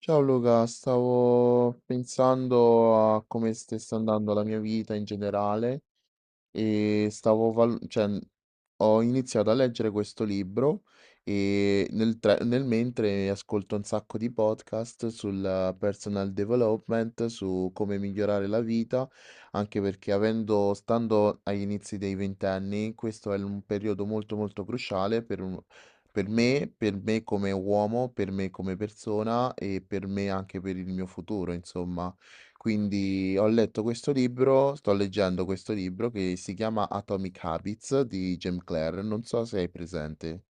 Ciao Luca, stavo pensando a come stessa andando la mia vita in generale e stavo val cioè, ho iniziato a leggere questo libro e nel mentre ascolto un sacco di podcast sul personal development, su come migliorare la vita, anche perché avendo stando agli inizi dei 20 anni, questo è l un periodo molto, molto cruciale per me come uomo, per me come persona e per me anche per il mio futuro, insomma. Quindi ho letto questo libro, sto leggendo questo libro che si chiama Atomic Habits di Jim Clare, non so se hai presente.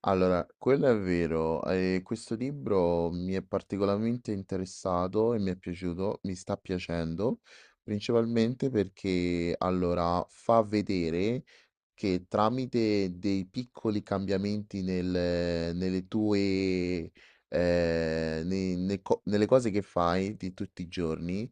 Allora, quello è vero, questo libro mi è particolarmente interessato e mi è piaciuto, mi sta piacendo, principalmente perché allora fa vedere che tramite dei piccoli cambiamenti nel- nelle tue nei- nei co- nelle cose che fai di tutti i giorni.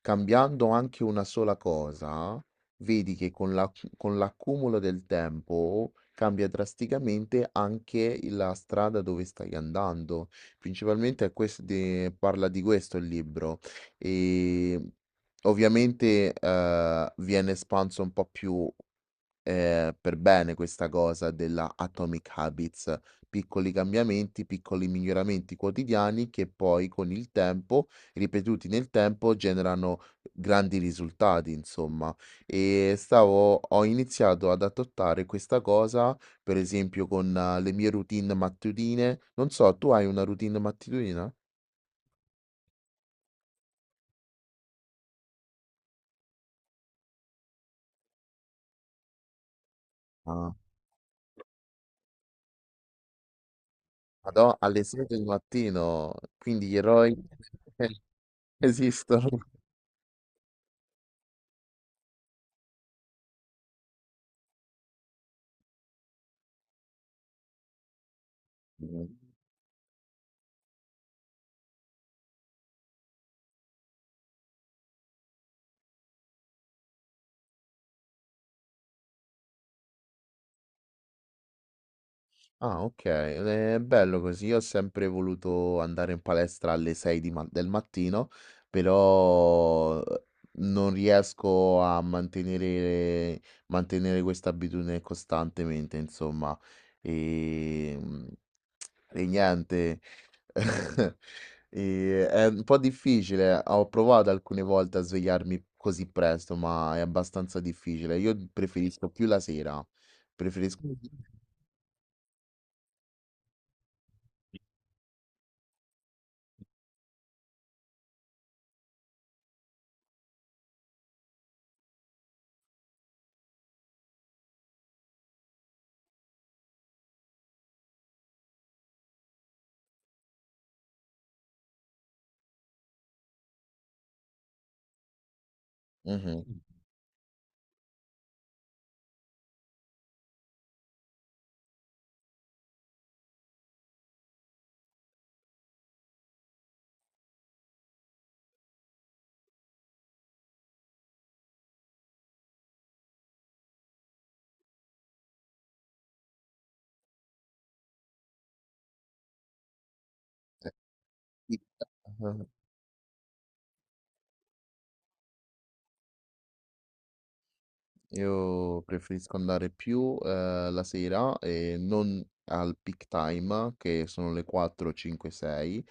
Cambiando anche una sola cosa, vedi che con l'accumulo del tempo cambia drasticamente anche la strada dove stai andando. Principalmente parla di questo il libro. E ovviamente viene espanso un po' più per bene questa cosa della Atomic Habits, piccoli cambiamenti, piccoli miglioramenti quotidiani che poi con il tempo, ripetuti nel tempo, generano grandi risultati insomma. E stavo ho iniziato ad adottare questa cosa, per esempio con le mie routine mattutine. Non so, tu hai una routine mattutina? Ah, madò, alle 6 del mattino, quindi gli eroi esistono. Ah, okay, le è bello così. Io ho sempre voluto andare in palestra alle 6 di ma del mattino, però non riesco a mantenere questa abitudine costantemente insomma. Ehm, e niente, è un po' difficile. Ho provato alcune volte a svegliarmi così presto, ma è abbastanza difficile. Io preferisco più la sera. Preferisco. Mh-mh. Ah, io preferisco andare più la sera e non al peak time, che sono le 4, 5, 6,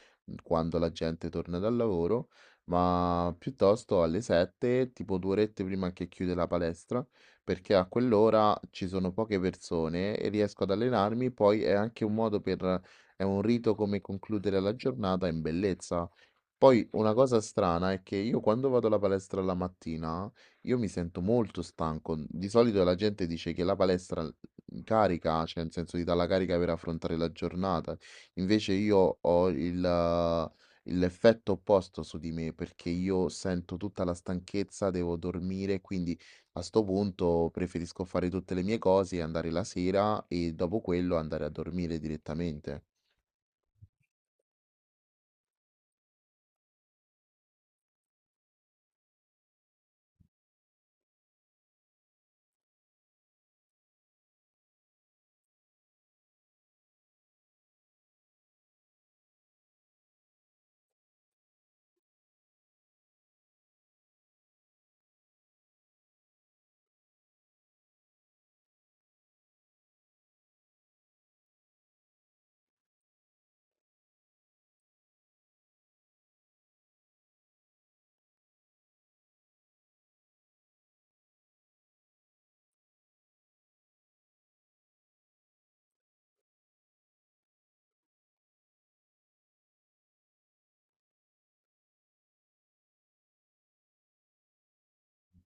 quando la gente torna dal lavoro, ma piuttosto alle 7, tipo due orette prima che chiude la palestra, perché a quell'ora ci sono poche persone e riesco ad allenarmi, poi è anche un modo per, è un rito come concludere la giornata in bellezza. Poi una cosa strana è che io quando vado alla palestra la mattina, io mi sento molto stanco. Di solito la gente dice che la palestra carica, cioè nel senso ti dà la carica per affrontare la giornata. Invece io ho l'effetto opposto su di me perché io sento tutta la stanchezza, devo dormire, quindi a sto punto preferisco fare tutte le mie cose, andare la sera e dopo quello andare a dormire direttamente.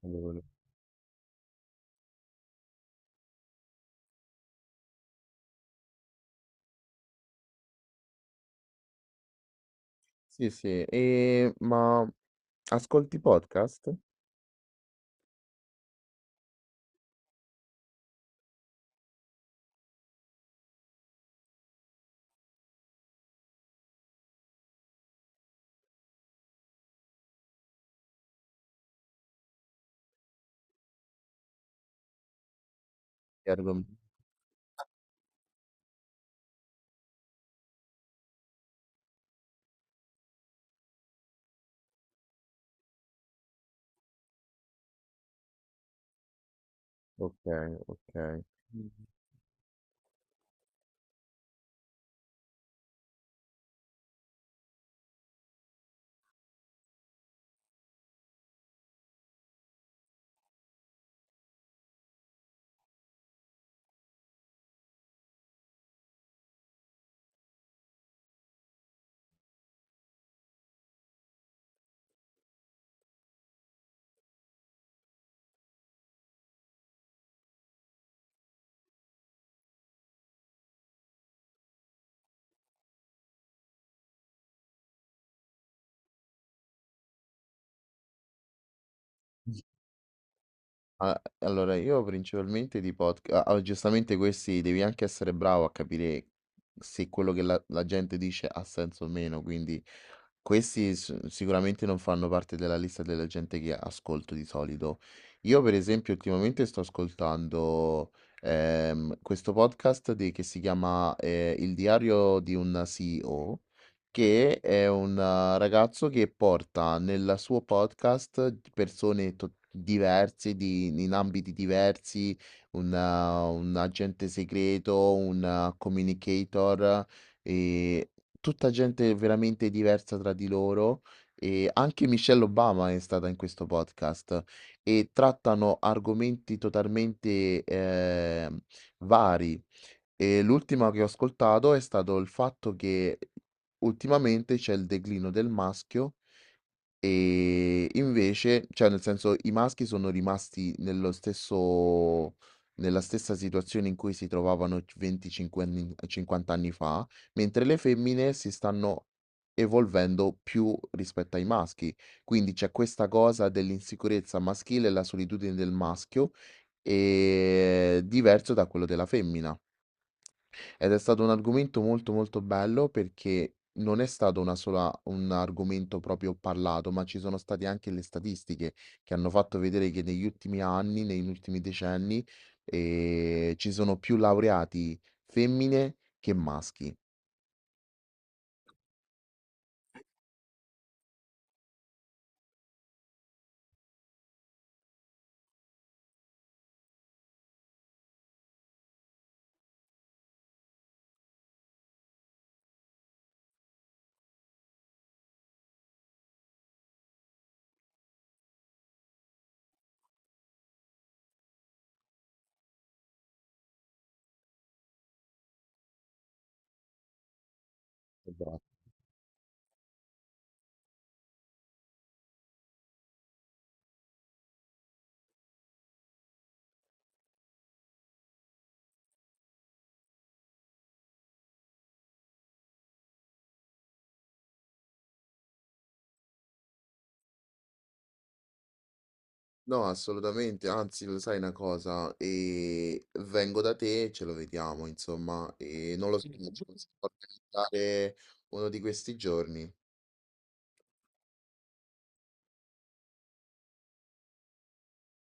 Allora, sì, sì, ascolti podcast? Che argom Okay, okay. Mh-mh. A allora io principalmente di podca a giustamente questi devi anche essere bravo a capire se quello che la gente dice ha senso o meno, quindi questi s sicuramente non fanno parte della lista della gente che ascolto di solito. Io per esempio ultimamente sto ascoltando, questo podcast di che si chiama, Il diario di un CEO, che è un ragazzo che porta nel suo podcast persone to diverse, di in ambiti diversi, un un agente segreto, un communicator. ehm Tutta gente veramente diversa tra di loro, e anche Michelle Obama è stata in questo podcast e trattano argomenti totalmente vari. E l'ultima che ho ascoltato è stato il fatto che ultimamente c'è il declino del maschio e invece, cioè nel senso, i maschi sono rimasti nello stesso, nella stessa situazione in cui si trovavano 25 anni, 50 anni fa, mentre le femmine si stanno evolvendo più rispetto ai maschi. Quindi c'è questa cosa dell'insicurezza maschile e la solitudine del maschio, e diverso da quello della femmina. Ed è stato un argomento molto molto bello perché non è stato un argomento proprio parlato, ma ci sono state anche le statistiche che hanno fatto vedere che negli ultimi anni, negli ultimi decenni, ci sono più laureati femmine che maschi. Esatto. No, assolutamente, anzi, lo sai una cosa, e vengo da te e ce lo vediamo, insomma, e non lo so, non ci possiamo organizzare uno di questi giorni.